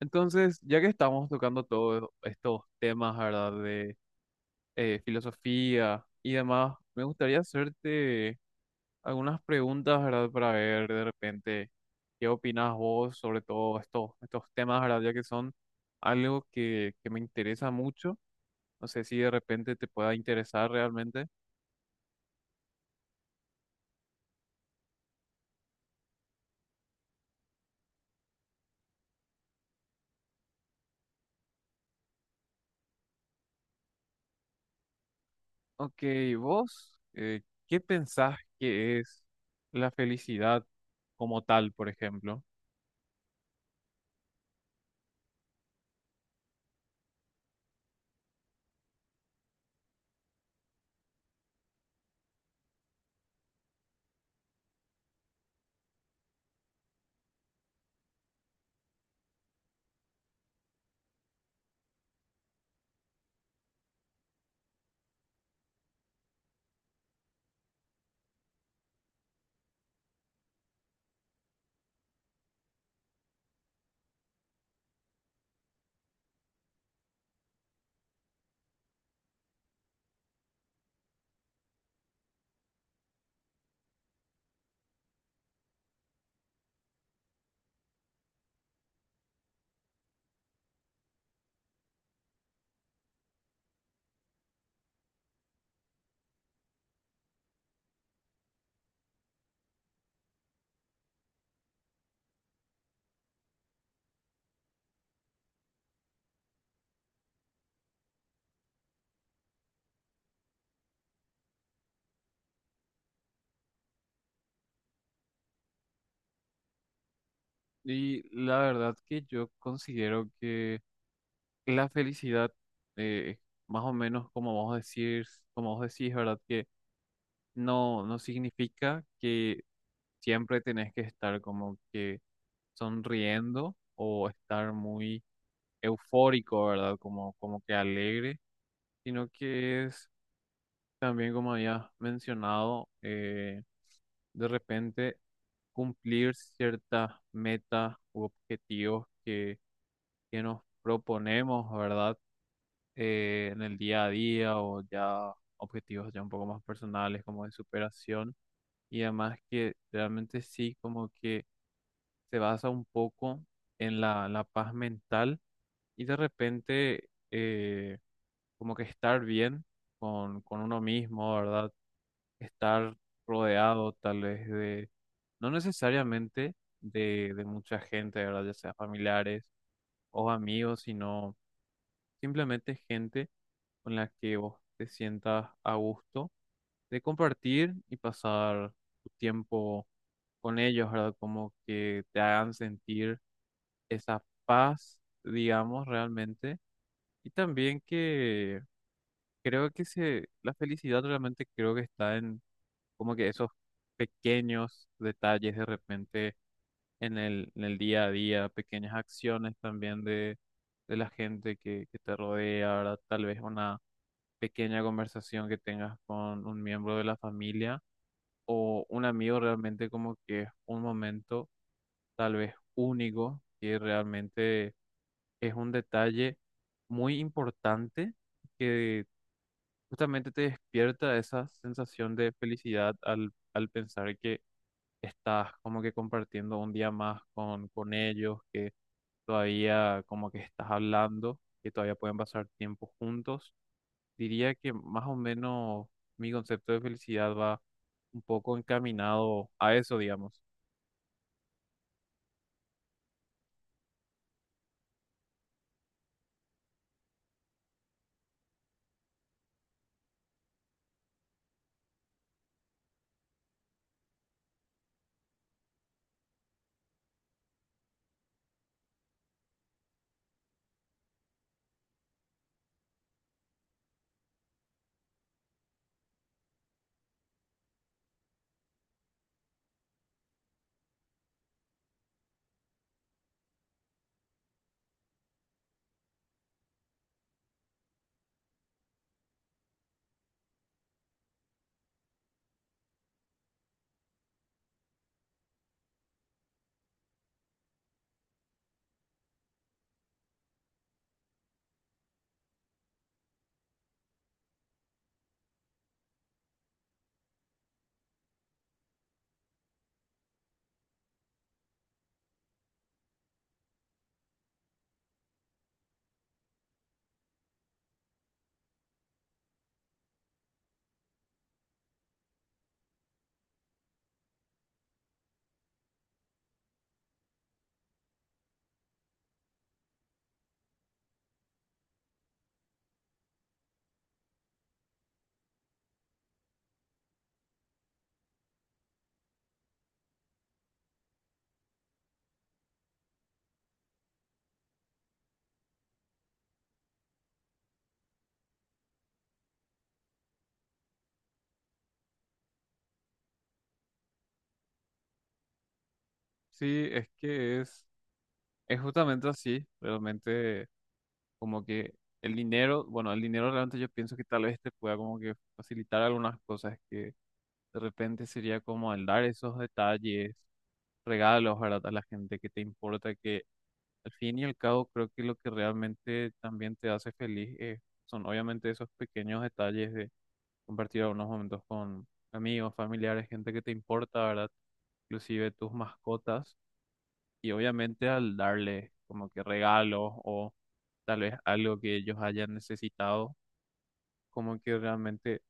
Entonces, ya que estamos tocando todos estos temas, ¿verdad? De filosofía y demás, me gustaría hacerte algunas preguntas, ¿verdad? Para ver de repente qué opinas vos sobre estos temas, ¿verdad? Ya que son algo que me interesa mucho. No sé si de repente te pueda interesar realmente. Ok, vos, ¿qué pensás que es la felicidad como tal, por ejemplo? Y la verdad que yo considero que la felicidad, eh, más o menos como vos decís, ¿verdad? Que no significa que siempre tenés que estar como que sonriendo o estar muy eufórico, ¿verdad? Como, como que alegre, sino que es también, como había mencionado, de repente cumplir ciertas metas u objetivos que nos proponemos, ¿verdad? En el día a día o ya objetivos ya un poco más personales como de superación y además que realmente sí como que se basa un poco en la paz mental y de repente como que estar bien con uno mismo, ¿verdad? Estar rodeado tal vez de, no necesariamente de mucha gente, ¿verdad? Ya sea familiares o amigos, sino simplemente gente con la que vos te sientas a gusto de compartir y pasar tu tiempo con ellos, ¿verdad? Como que te hagan sentir esa paz, digamos, realmente. Y también que creo que se, la felicidad realmente creo que está en como que esos pequeños detalles de repente en el día a día, pequeñas acciones también de la gente que te rodea, ¿verdad? Tal vez una pequeña conversación que tengas con un miembro de la familia o un amigo realmente como que es un momento tal vez único que realmente es un detalle muy importante que justamente te despierta esa sensación de felicidad al, al pensar que estás como que compartiendo un día más con ellos, que todavía como que estás hablando, que todavía pueden pasar tiempo juntos. Diría que más o menos mi concepto de felicidad va un poco encaminado a eso, digamos. Sí, es que es justamente así, realmente como que el dinero, bueno, el dinero realmente yo pienso que tal vez te pueda como que facilitar algunas cosas que de repente sería como el dar esos detalles, regalos, ¿verdad? A la gente que te importa, que al fin y al cabo creo que lo que realmente también te hace feliz son obviamente esos pequeños detalles de compartir algunos momentos con amigos, familiares, gente que te importa, ¿verdad? Inclusive tus mascotas. Y obviamente al darle como que regalos o tal vez algo que ellos hayan necesitado, como que realmente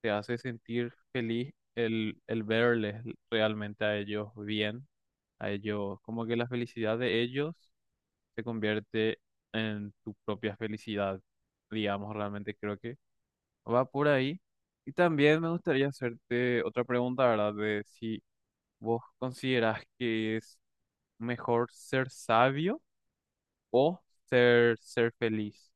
te hace sentir feliz el verles realmente a ellos bien, a ellos, como que la felicidad de ellos se convierte en tu propia felicidad, digamos, realmente creo que... Va por ahí. Y también me gustaría hacerte otra pregunta, ¿verdad? De si vos considerás que es mejor ser sabio o ser feliz.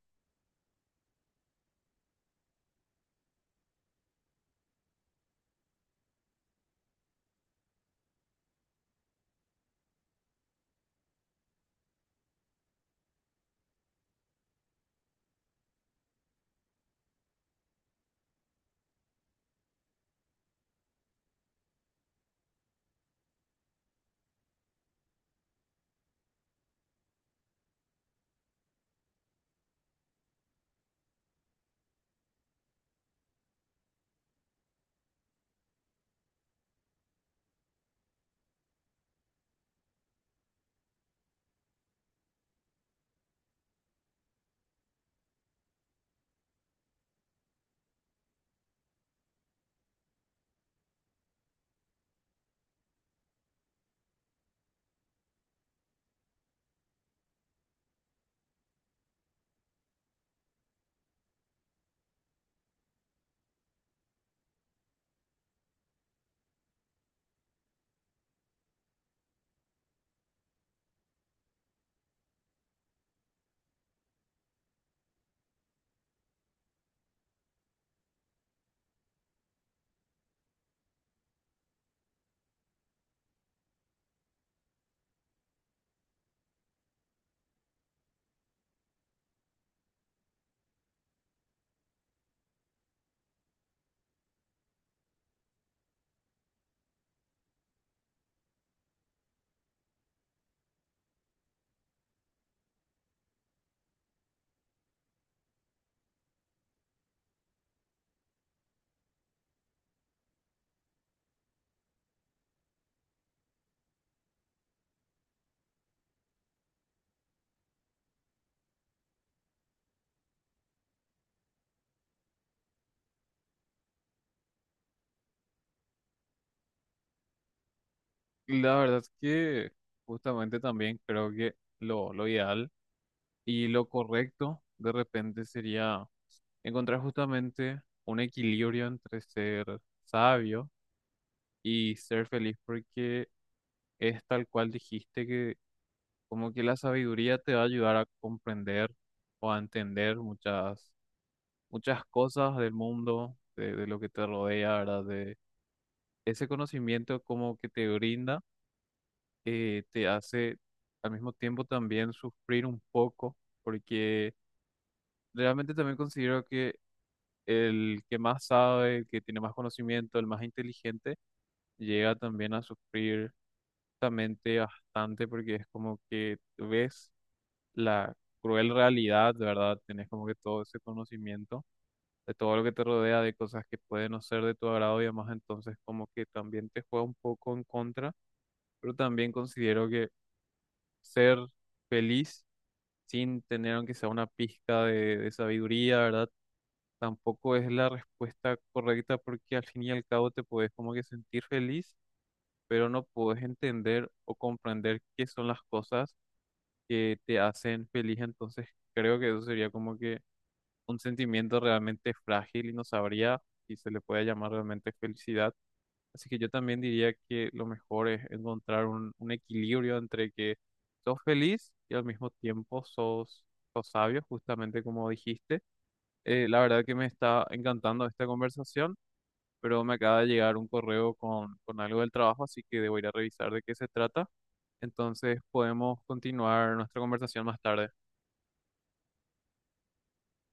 Y la verdad es que justamente también creo que lo ideal y lo correcto de repente sería encontrar justamente un equilibrio entre ser sabio y ser feliz, porque es tal cual dijiste que como que la sabiduría te va a ayudar a comprender o a entender muchas, muchas cosas del mundo, de lo que te rodea, ¿verdad? De ese conocimiento como que te brinda, te hace al mismo tiempo también sufrir un poco, porque realmente también considero que el que más sabe, el que tiene más conocimiento, el más inteligente, llega también a sufrir justamente bastante porque es como que ves la cruel realidad, de verdad, tenés como que todo ese conocimiento de todo lo que te rodea, de cosas que pueden no ser de tu agrado y además entonces como que también te juega un poco en contra, pero también considero que ser feliz sin tener aunque sea una pizca de sabiduría, ¿verdad? Tampoco es la respuesta correcta porque al fin y al cabo te puedes como que sentir feliz, pero no puedes entender o comprender qué son las cosas que te hacen feliz, entonces creo que eso sería como que un sentimiento realmente frágil y no sabría si se le puede llamar realmente felicidad. Así que yo también diría que lo mejor es encontrar un equilibrio entre que sos feliz y al mismo tiempo sos sabio, justamente como dijiste. La verdad que me está encantando esta conversación, pero me acaba de llegar un correo con algo del trabajo, así que debo ir a revisar de qué se trata. Entonces podemos continuar nuestra conversación más tarde.